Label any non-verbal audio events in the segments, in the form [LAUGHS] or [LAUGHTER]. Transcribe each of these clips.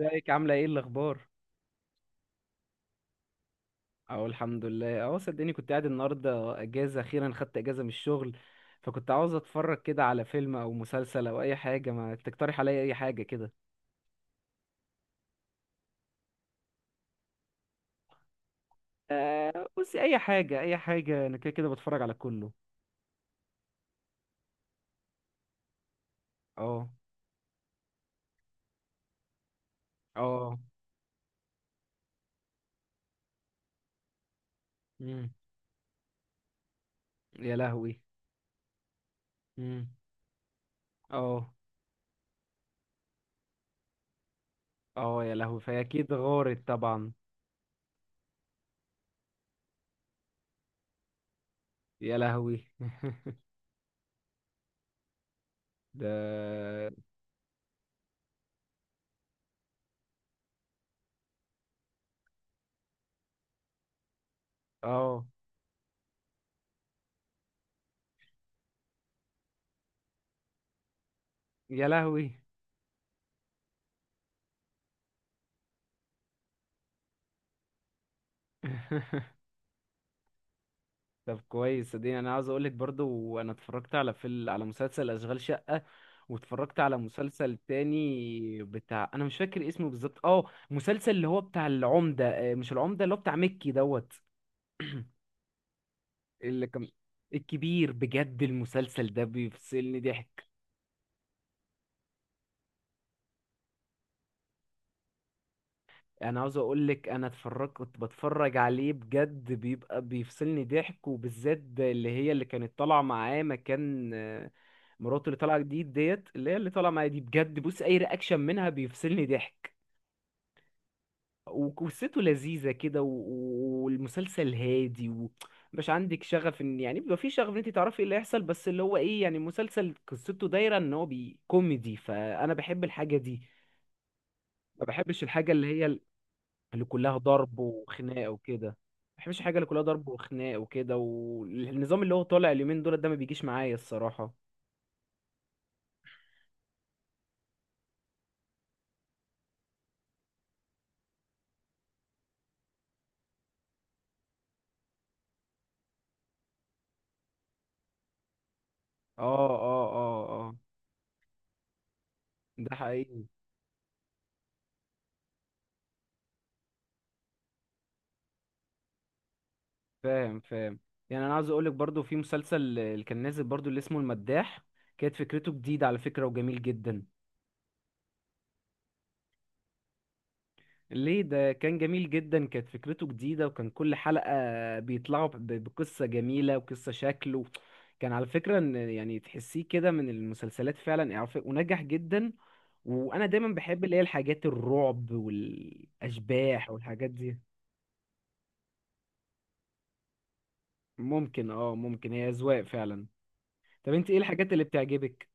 ازيك عاملة ايه الأخبار؟ أهو الحمد لله أهو، صدقني كنت قاعد النهاردة أجازة، أخيرا خدت أجازة من الشغل. فكنت عاوز أتفرج كده على فيلم أو مسلسل أو أي حاجة، ما تقترح عليا أي حاجة كده؟ آه بصي، أي حاجة أي حاجة، أنا كده كده بتفرج على كله. أه. أه مم. يا لهوي. مم. أه. أه يا لهوي، فهي أكيد غارت طبعا. يا لهوي. [LAUGHS] ده. أه يا لهوي. [LAUGHS] طب كويس، صدقني انا عاوز اقولك برضو، انا اتفرجت على فيلم، على مسلسل اشغال شقة، واتفرجت على مسلسل تاني بتاع، انا مش فاكر اسمه بالظبط. اه، مسلسل اللي هو بتاع العمدة، مش العمدة، اللي هو بتاع مكي دوت. اللي كان الكبير، بجد المسلسل ده بيفصلني ضحك. انا عاوز اقول لك انا اتفرج، كنت بتفرج عليه بجد بيبقى بيفصلني ضحك، وبالذات اللي هي اللي كانت طالعه معاه مكان مراته، اللي طالعه جديد ديت، اللي هي اللي طالعه معايا دي، بجد بص اي رياكشن منها بيفصلني ضحك. وقصته لذيذه كده، والمسلسل هادي، ومش عندك شغف ان يعني بيبقى في شغف ان انت تعرفي ايه اللي هيحصل، بس اللي هو ايه يعني مسلسل قصته دايره ان هو بي كوميدي، فانا بحب الحاجه دي. ما بحبش الحاجه اللي هي اللي كلها ضرب وخناقه وكده، ما بحبش الحاجه اللي كلها ضرب وخناقه وكده، والنظام اللي هو طالع اليومين دول ده ما بيجيش معايا الصراحه. اه اه اه. اه ده حقيقي. فاهم فاهم. يعني انا عاوز اقولك برضو في مسلسل اللي كان نازل برضو اللي اسمه المداح، كانت فكرته جديده على فكره وجميل جدا. ليه؟ ده كان جميل جدا، كانت فكرته جديدة، وكان كل حلقة بيطلعوا بقصة جميلة وقصة شكله. كان على فكرة ان يعني تحسيه كده من المسلسلات فعلا إعرافية، ونجح جدا. وانا دايما بحب اللي هي الحاجات الرعب والاشباح والحاجات دي. ممكن اه ممكن، هي اذواق فعلا. طب انت ايه الحاجات اللي بتعجبك؟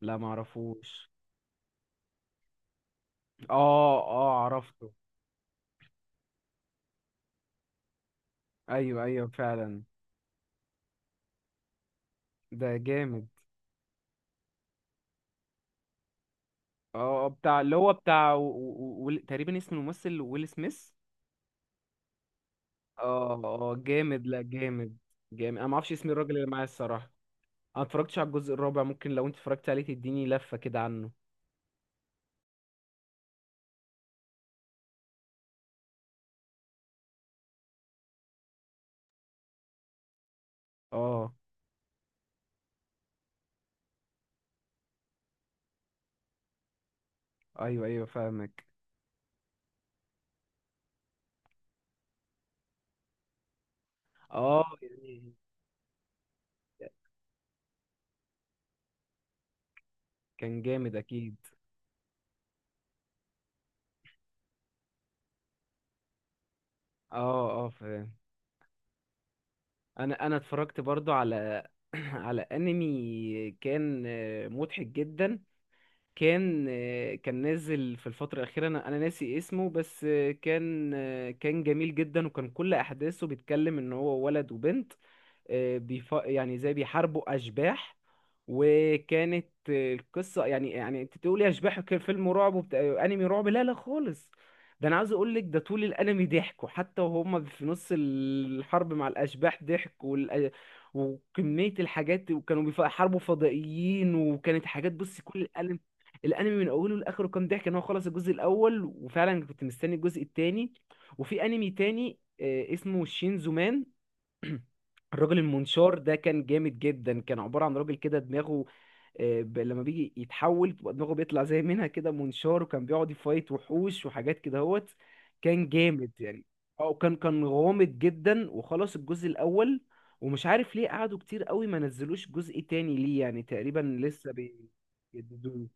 لا معرفوش. اه اه عرفته. ايوه ايوه فعلا، ده جامد. اه، بتاع اللي هو بتاع تقريبا اسم الممثل ويل سميث. اه اه جامد، لا جامد جامد. انا ما اعرفش اسم الراجل اللي معايا الصراحه. انا اتفرجتش على الجزء الرابع، ممكن لو انت اتفرجت عليه تديني لفه كده عنه. اه ايوه ايوه فاهمك. اه يعني، كان جامد اكيد. اه اه فاهم. انا اتفرجت برضو على [CLEARS THROAT] على انمي كان مضحك جدا. كان كان نازل في الفترة الأخيرة، أنا ناسي اسمه، بس كان كان جميل جدا، وكان كل أحداثه بيتكلم إن هو ولد وبنت، يعني زي بيحاربوا اشباح. وكانت القصه، يعني انت تقولي اشباح كان فيلم رعب وبتاع انمي رعب، لا لا خالص. ده انا عاوز اقول لك، ده طول الانمي ضحكوا، حتى وهم في نص الحرب مع الاشباح ضحك، وكميه الحاجات، وكانوا بيحاربوا فضائيين، وكانت حاجات. بصي كل الانمي، الانمي من اوله لاخره كان ضحك، ان هو خلص الجزء الاول وفعلا كنت مستني الجزء التاني. وفي انمي تاني آه، اسمه شينزو مان [CLEARS THROAT] الراجل المنشار ده كان جامد جدا كان عبارة عن راجل كده دماغه آه، ب- لما بيجي يتحول بتبقى دماغه بيطلع زي منها كده منشار وكان بيقعد يفايت وحوش وحاجات كده هوت كان جامد يعني اه كان كان غامض جدا وخلص الجزء الأول ومش عارف ليه قعدوا كتير قوي ما نزلوش جزء تاني ليه يعني تقريبا لسه بيجددوه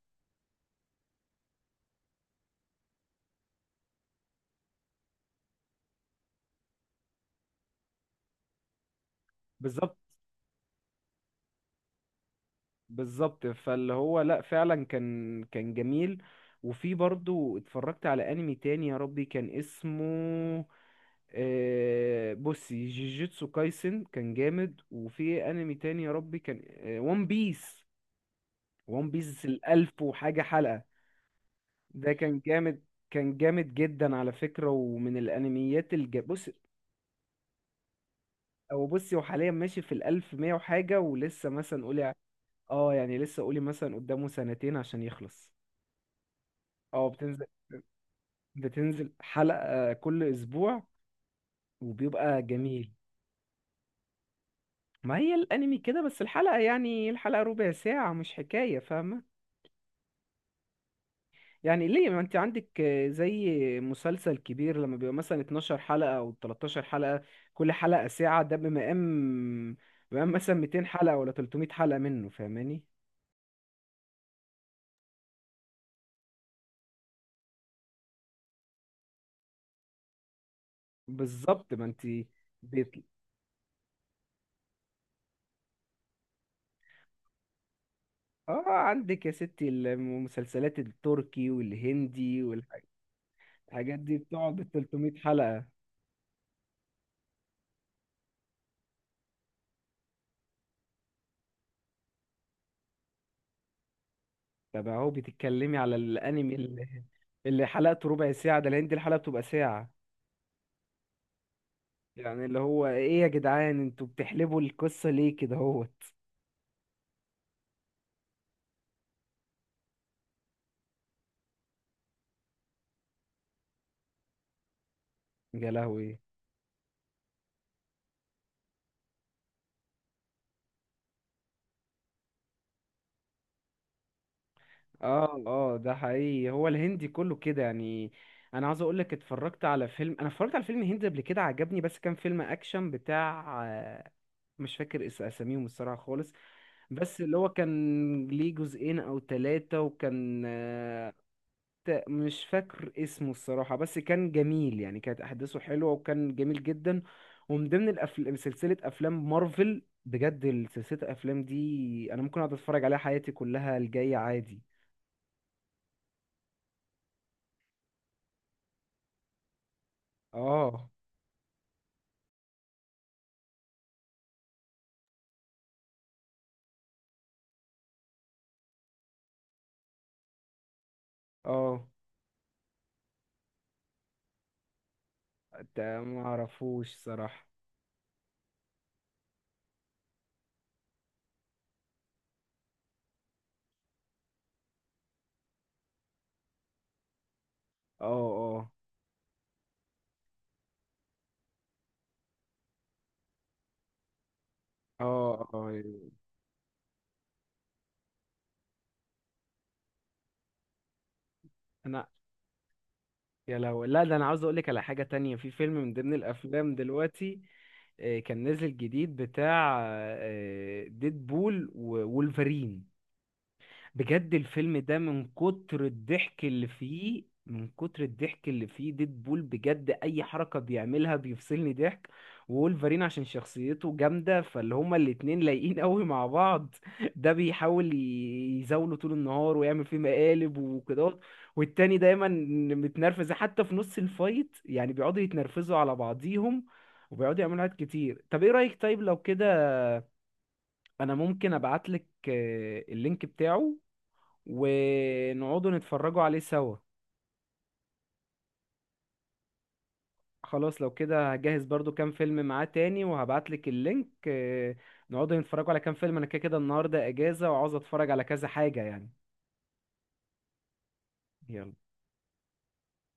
بالظبط بالظبط فاللي هو لا فعلا كان كان جميل وفي برضو اتفرجت على انمي تاني يا ربي كان اسمه بصي، جيجيتسو كايسن. كان جامد. وفي انمي تاني يا ربي كان، وان بيس. وان بيس الالف وحاجة حلقة، ده كان جامد، كان جامد جدا على فكرة، ومن الانميات الج. بص، او بصي، هو حاليا ماشي في الالف مية وحاجة، ولسه مثلا قولي يعني لسه، قولي مثلا قدامه سنتين عشان يخلص. اه بتنزل، بتنزل حلقة كل اسبوع، وبيبقى جميل. ما هي الانمي كده، بس الحلقة يعني الحلقة ربع ساعة مش حكاية، فاهمة؟ يعني ليه، ما انت عندك زي مسلسل كبير لما بيبقى مثلا 12 حلقة او 13 حلقة، كل حلقة ساعة، ده بمقام بمقام مثلا 200 حلقة ولا 300 حلقة منه، فاهماني؟ بالظبط ما انت بيطل... اه عندك يا ستي، المسلسلات التركي والهندي والحاجات دي بتقعد بال 300 حلقة. طب اهو بتتكلمي على الانمي اللي حلقته ربع ساعة، ده الهندي الحلقة بتبقى ساعة. يعني اللي هو ايه يا جدعان، انتوا بتحلبوا القصة ليه كده، هو؟ يا لهوي اه اه ده حقيقي، هو الهندي كله كده يعني. انا عاوز اقول لك اتفرجت على فيلم، انا اتفرجت على فيلم هندي قبل كده عجبني، بس كان فيلم اكشن بتاع مش فاكر اساميهم الصراحة خالص. بس اللي هو كان ليه جزئين او ثلاثة، وكان مش فاكر اسمه الصراحة، بس كان جميل يعني، كانت احداثه حلوة وكان جميل جدا. ومن ضمن الافلام سلسلة افلام مارفل، بجد سلسلة الافلام دي انا ممكن اقعد اتفرج عليها حياتي كلها الجاية عادي. اه اه ده ما اعرفوش صراحة. اه اه اه اه أيوه. انا يا لو لا، ده انا عاوز اقول لك على حاجة تانية، في فيلم من ضمن الافلام دلوقتي كان نازل جديد بتاع ديد بول وولفرين. بجد الفيلم ده، من كتر الضحك اللي فيه، من كتر الضحك اللي فيه، ديدبول بجد اي حركة بيعملها بيفصلني ضحك، وولفرين عشان شخصيته جامدة، فاللي هما الاتنين لايقين قوي مع بعض. [LAUGHS] ده بيحاول يزاوله طول النهار ويعمل فيه مقالب وكده، والتاني دايما متنرفز، حتى في نص الفايت يعني بيقعدوا يتنرفزوا على بعضيهم، وبيقعدوا يعملوا حاجات كتير. طب ايه رأيك، طيب لو كده، انا ممكن ابعتلك اللينك بتاعه، ونقعدوا نتفرجوا عليه سوا. خلاص، لو كده هجهز برضو كام فيلم معاه تاني، وهبعتلك اللينك. نقعدوا نتفرجوا على كام فيلم، انا كده كده النهارده اجازة، وعاوز اتفرج على كذا حاجة يعني. يلا.